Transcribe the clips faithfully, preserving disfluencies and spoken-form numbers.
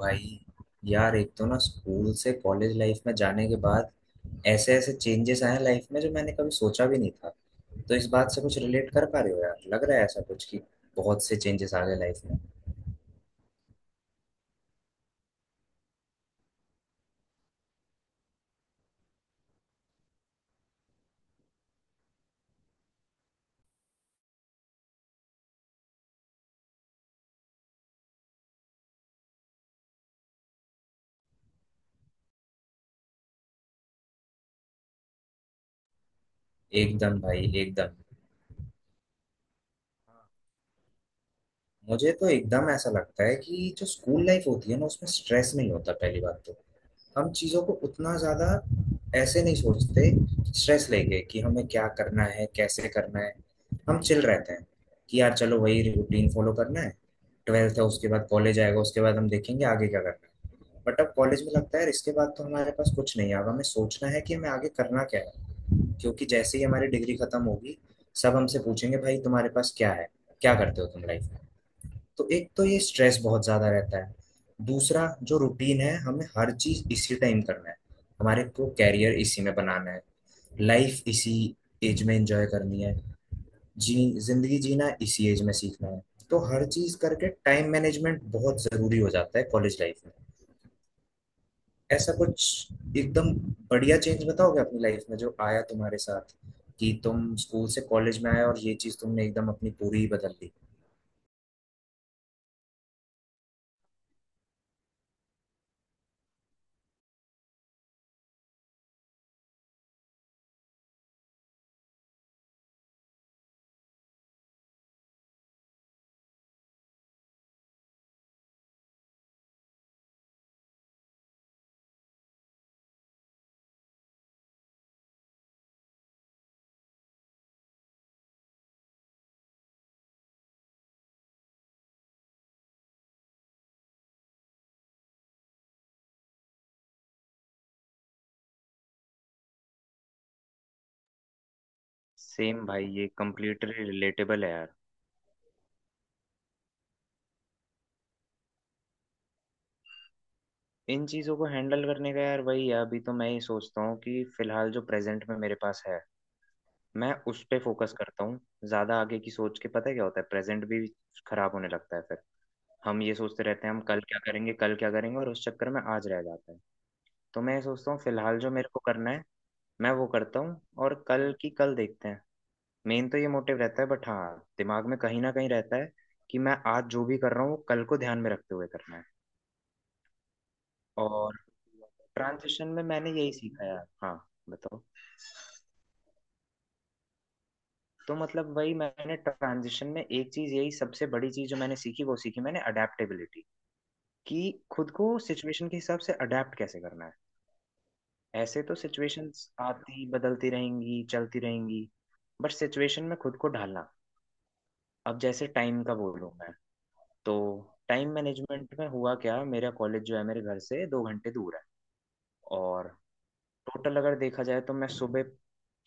भाई यार, एक तो ना स्कूल से कॉलेज लाइफ में जाने के बाद ऐसे ऐसे चेंजेस आए हैं लाइफ में जो मैंने कभी सोचा भी नहीं था। तो इस बात से कुछ रिलेट कर पा रहे हो यार? लग रहा है ऐसा कुछ कि बहुत से चेंजेस आ गए लाइफ में। एकदम भाई, एकदम। मुझे तो एकदम ऐसा लगता है कि जो स्कूल लाइफ होती है ना, उसमें स्ट्रेस नहीं होता पहली बात तो। हम चीज़ों को उतना ज़्यादा ऐसे नहीं सोचते स्ट्रेस लेके कि हमें क्या करना है, कैसे करना है। हम चिल रहते हैं कि यार चलो वही रूटीन फॉलो करना है। ट्वेल्थ है, उसके बाद कॉलेज आएगा, उसके बाद हम देखेंगे आगे क्या करना है। बट अब कॉलेज में लगता है यार इसके बाद तो हमारे पास कुछ नहीं है, अब हमें सोचना है कि हमें आगे करना क्या है। क्योंकि जैसे ही हमारी डिग्री खत्म होगी, सब हमसे पूछेंगे भाई तुम्हारे पास क्या है, क्या करते हो तुम लाइफ में। तो एक तो ये स्ट्रेस बहुत ज्यादा रहता है। दूसरा, जो रूटीन है हमें हर चीज इसी टाइम करना है, हमारे को कैरियर इसी में बनाना है, लाइफ इसी एज में एंजॉय करनी है, जी, जिंदगी जीना इसी एज में सीखना है। तो हर चीज करके टाइम मैनेजमेंट बहुत जरूरी हो जाता है कॉलेज लाइफ में। ऐसा कुछ। एकदम। बढ़िया, चेंज बताओगे अपनी लाइफ में जो आया तुम्हारे साथ, कि तुम स्कूल से कॉलेज में आए और ये चीज तुमने एकदम अपनी पूरी ही बदल दी। सेम भाई, ये कम्प्लीटली रिलेटेबल है यार। इन चीज़ों को हैंडल करने का यार वही है, अभी तो मैं ये सोचता हूँ कि फिलहाल जो प्रेजेंट में मेरे पास है मैं उस पे फोकस करता हूँ। ज़्यादा आगे की सोच के पता है क्या होता है, प्रेजेंट भी खराब होने लगता है फिर। हम ये सोचते रहते हैं हम कल क्या करेंगे, कल क्या करेंगे, और उस चक्कर में आज रह जाता है। तो मैं ये सोचता हूँ फिलहाल जो मेरे को करना है मैं वो करता हूँ और कल की कल देखते हैं। मेन तो ये मोटिव रहता है बट हाँ, दिमाग में कहीं ना कहीं रहता है कि मैं आज जो भी कर रहा हूँ वो कल को ध्यान में रखते हुए करना है। और ट्रांजिशन में मैंने यही सीखा यार, हाँ। बताओ। तो मतलब वही मैंने ट्रांजिशन में एक चीज, यही सबसे बड़ी चीज जो मैंने सीखी, वो सीखी मैंने अडेप्टेबिलिटी। कि खुद को सिचुएशन के हिसाब से अडेप्ट कैसे करना है। ऐसे तो सिचुएशंस आती बदलती रहेंगी, चलती रहेंगी, बट सिचुएशन में खुद को ढालना। अब जैसे टाइम का बोलूँ मैं, तो टाइम मैनेजमेंट में हुआ क्या, मेरा कॉलेज जो है मेरे घर से दो घंटे दूर है। और टोटल अगर देखा जाए तो मैं सुबह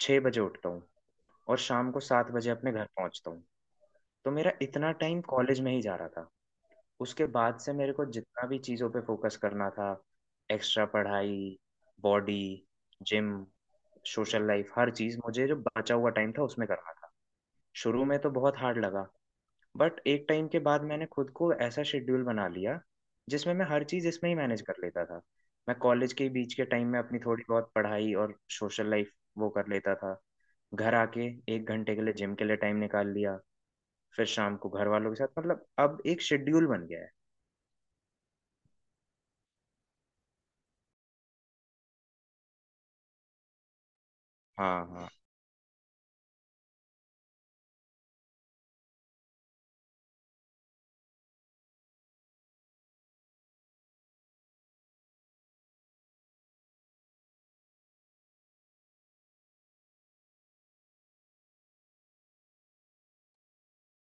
छः बजे उठता हूँ और शाम को सात बजे अपने घर पहुंचता हूँ। तो मेरा इतना टाइम कॉलेज में ही जा रहा था। उसके बाद से मेरे को जितना भी चीज़ों पे फोकस करना था, एक्स्ट्रा पढ़ाई, बॉडी, जिम, सोशल लाइफ, हर चीज़ मुझे जो बचा हुआ टाइम था उसमें करना था। शुरू में तो बहुत हार्ड लगा, बट एक टाइम के बाद मैंने खुद को ऐसा शेड्यूल बना लिया जिसमें मैं हर चीज़ इसमें ही मैनेज कर लेता था। मैं कॉलेज के बीच के टाइम में अपनी थोड़ी बहुत पढ़ाई और सोशल लाइफ वो कर लेता था। घर आके एक घंटे के लिए जिम के लिए टाइम निकाल लिया। फिर शाम को घर वालों के साथ, मतलब अब एक शेड्यूल बन गया है। हाँ। हाँ।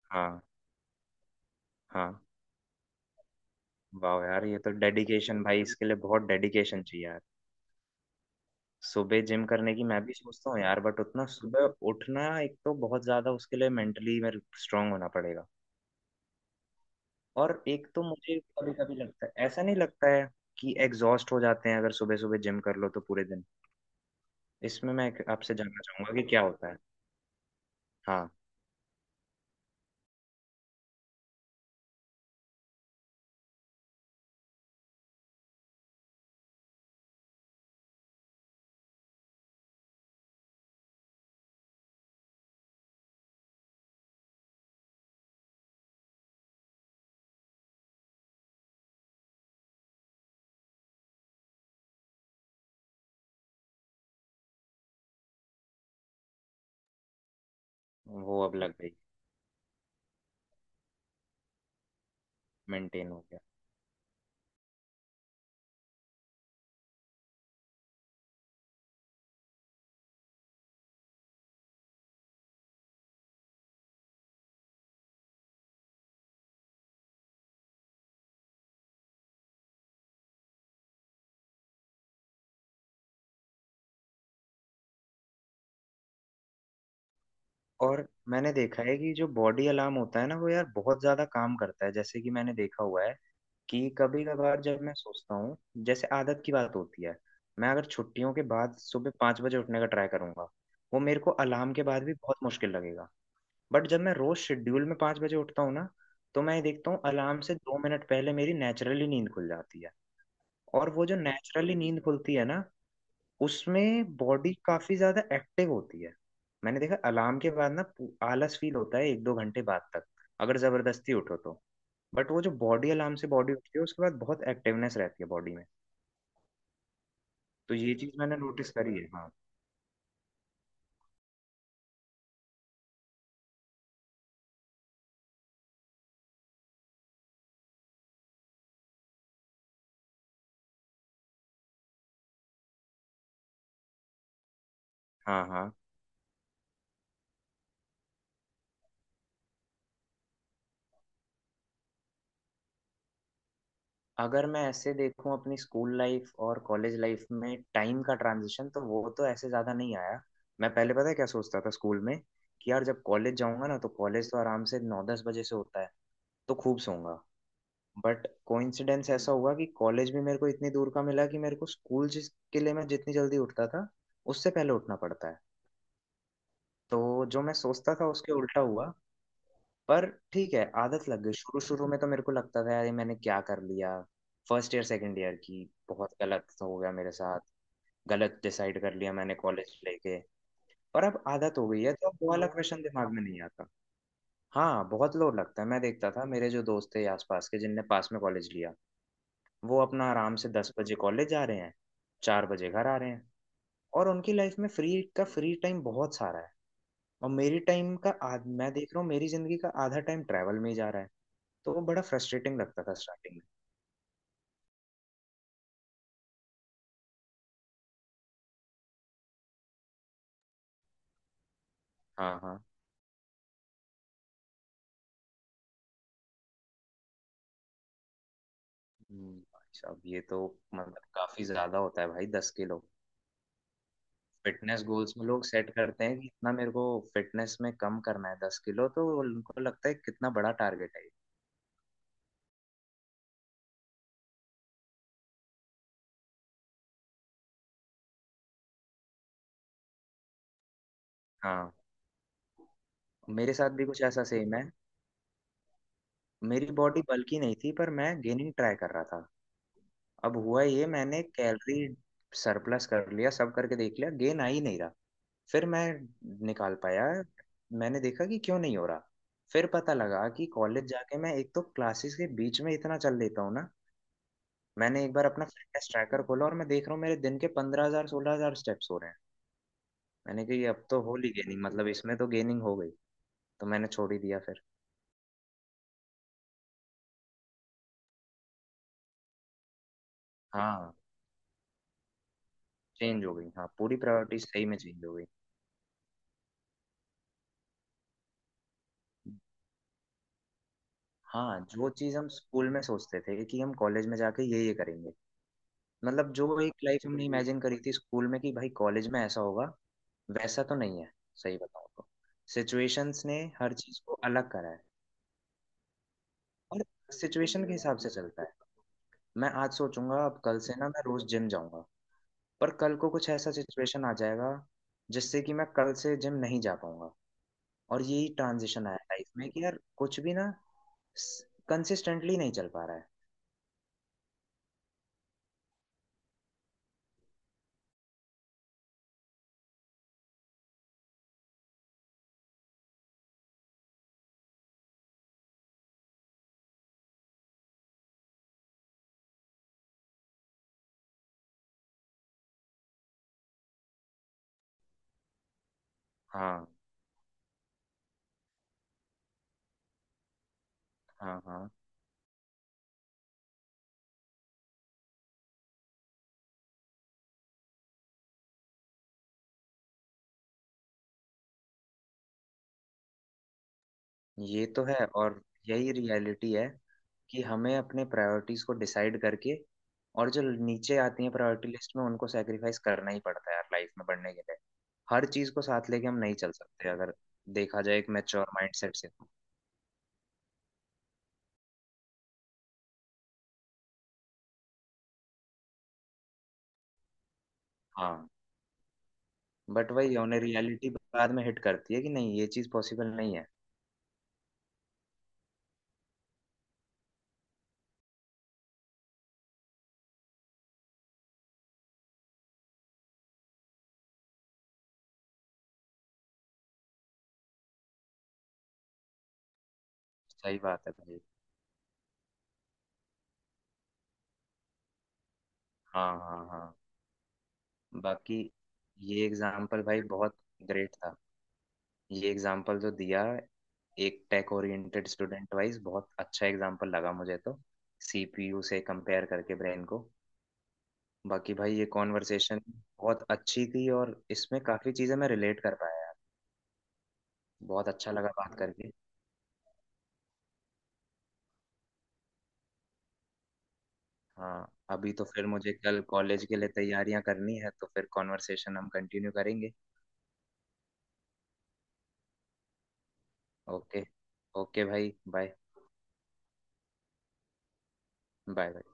हाँ। हाँ। वाह यार, ये तो डेडिकेशन भाई, इसके लिए बहुत डेडिकेशन चाहिए यार। सुबह जिम करने की मैं भी सोचता हूँ यार, बट उतना सुबह उठना एक तो बहुत ज्यादा, उसके लिए मेंटली मेरे स्ट्रांग होना पड़ेगा। और एक तो मुझे कभी कभी लगता है, ऐसा नहीं लगता है कि एग्जॉस्ट हो जाते हैं अगर सुबह सुबह जिम कर लो तो पूरे दिन? इसमें मैं एक आपसे जानना चाहूंगा कि क्या होता है। हाँ। वो अब लग गई। मेंटेन हो गया। और मैंने देखा है कि जो बॉडी अलार्म होता है ना वो यार बहुत ज्यादा काम करता है। जैसे कि मैंने देखा हुआ है कि कभी कभार जब मैं सोचता हूँ, जैसे आदत की बात होती है, मैं अगर छुट्टियों के बाद सुबह पाँच बजे उठने का ट्राई करूंगा, वो मेरे को अलार्म के बाद भी बहुत मुश्किल लगेगा। बट जब मैं रोज शेड्यूल में पाँच बजे उठता हूँ ना, तो मैं ये देखता हूँ अलार्म से दो मिनट पहले मेरी नेचुरली नींद खुल जाती है। और वो जो नेचुरली नींद खुलती है ना, उसमें बॉडी काफी ज्यादा एक्टिव होती है। मैंने देखा अलार्म के बाद ना पू- आलस फील होता है एक दो घंटे बाद तक, अगर जबरदस्ती उठो तो। बट वो जो बॉडी अलार्म से बॉडी उठती है उसके बाद बहुत एक्टिवनेस रहती है बॉडी में। तो ये चीज मैंने नोटिस करी है, हाँ। हाँ। हाँ। अगर मैं ऐसे देखूं अपनी स्कूल लाइफ और कॉलेज लाइफ में टाइम का ट्रांजिशन, तो वो तो ऐसे ज्यादा नहीं आया। मैं पहले पता है क्या सोचता था स्कूल में, कि यार जब कॉलेज जाऊंगा ना तो कॉलेज तो आराम से नौ दस बजे से होता है, तो खूब सोऊंगा। बट कोइंसिडेंस ऐसा हुआ कि कॉलेज भी मेरे को इतनी दूर का मिला कि मेरे को स्कूल जिसके लिए मैं जितनी जल्दी उठता था उससे पहले उठना पड़ता है। तो जो मैं सोचता था उसके उल्टा हुआ। पर ठीक है, आदत लग गई। शुरू शुरू में तो मेरे को लगता था यार ये मैंने क्या कर लिया, फर्स्ट ईयर सेकंड ईयर की, बहुत गलत हो गया मेरे साथ, गलत डिसाइड कर लिया मैंने कॉलेज लेके। पर अब आदत हो गई है तो अब वो वाला क्वेश्चन दिमाग में नहीं आता। हाँ, बहुत लोड लगता है। मैं देखता था मेरे जो दोस्त थे आसपास के जिनने पास में कॉलेज लिया, वो अपना आराम से दस बजे कॉलेज जा रहे हैं, चार बजे घर आ रहे हैं, और उनकी लाइफ में फ्री का फ्री टाइम बहुत सारा है। और मेरी टाइम का आध, मैं देख रहा हूँ मेरी जिंदगी का आधा टाइम ट्रैवल में ही जा रहा है। तो वो बड़ा फ्रस्ट्रेटिंग लगता था स्टार्टिंग में। हाँ। हाँ। हम्म, भाई साहब ये तो, मतलब काफी ज्यादा होता है भाई दस किलो। फिटनेस गोल्स में लोग सेट करते हैं कि इतना मेरे को फिटनेस में कम करना है दस किलो, तो उनको लगता है कितना बड़ा टारगेट है ये। हाँ मेरे साथ भी कुछ ऐसा सेम है। मेरी बॉडी बल्की नहीं थी पर मैं गेनिंग ट्राई कर रहा था। अब हुआ ये, मैंने कैलोरी सरप्लस कर लिया, सब करके देख लिया, गेन आ ही नहीं रहा। फिर मैं निकाल पाया, मैंने देखा कि क्यों नहीं हो रहा। फिर पता लगा कि कॉलेज जाके मैं एक तो क्लासेस के बीच में इतना चल लेता हूँ ना, मैंने एक बार अपना फिटनेस ट्रैकर खोला और मैं देख रहा हूँ मेरे दिन के पंद्रह हजार सोलह हजार स्टेप्स हो रहे हैं। मैंने कहा ये अब तो होली गेनिंग, मतलब इसमें तो गेनिंग हो गई, तो मैंने छोड़ ही दिया फिर। हाँ, चेंज हो गई, हाँ, पूरी प्रायोरिटी सही में चेंज हो गई। हाँ, जो चीज हम स्कूल में सोचते थे कि हम कॉलेज में जाके ये ये करेंगे, मतलब जो एक लाइफ हमने इमेजिन करी थी स्कूल में कि भाई कॉलेज में ऐसा होगा, वैसा तो नहीं है। सही बताऊं तो सिचुएशंस ने हर चीज को अलग करा है। और सिचुएशन के हिसाब से चलता है। मैं आज सोचूंगा अब कल से ना मैं रोज जिम जाऊंगा, पर कल को कुछ ऐसा सिचुएशन आ जाएगा जिससे कि मैं कल से जिम नहीं जा पाऊंगा। और यही ट्रांजिशन आया लाइफ में कि यार कुछ भी ना कंसिस्टेंटली नहीं चल पा रहा है। हाँ। हाँ। हाँ। ये तो है। और यही रियलिटी है कि हमें अपने प्रायोरिटीज को डिसाइड करके, और जो नीचे आती हैं प्रायोरिटी लिस्ट में उनको सेक्रीफाइस करना ही पड़ता है यार लाइफ में बढ़ने के लिए। हर चीज को साथ लेके हम नहीं चल सकते अगर देखा जाए एक मैच्योर माइंडसेट से। हाँ। बट वही है, उन्हें रियलिटी बाद में हिट करती है कि नहीं ये चीज पॉसिबल नहीं है। सही बात है भाई। हाँ। हाँ। हाँ। बाकी ये एग्जाम्पल भाई बहुत ग्रेट था, ये एग्जाम्पल जो दिया, एक टेक ओरिएंटेड स्टूडेंट वाइज बहुत अच्छा एग्जाम्पल लगा मुझे तो, सीपीयू से कंपेयर करके ब्रेन को। बाकी भाई ये कॉन्वर्सेशन बहुत अच्छी थी और इसमें काफी चीजें मैं रिलेट कर पाया यार। बहुत अच्छा लगा बात करके। हाँ अभी तो फिर मुझे कल कॉलेज के लिए तैयारियां करनी है, तो फिर कॉन्वर्सेशन हम कंटिन्यू करेंगे। ओके। ओके भाई, बाय। बाय। बाय।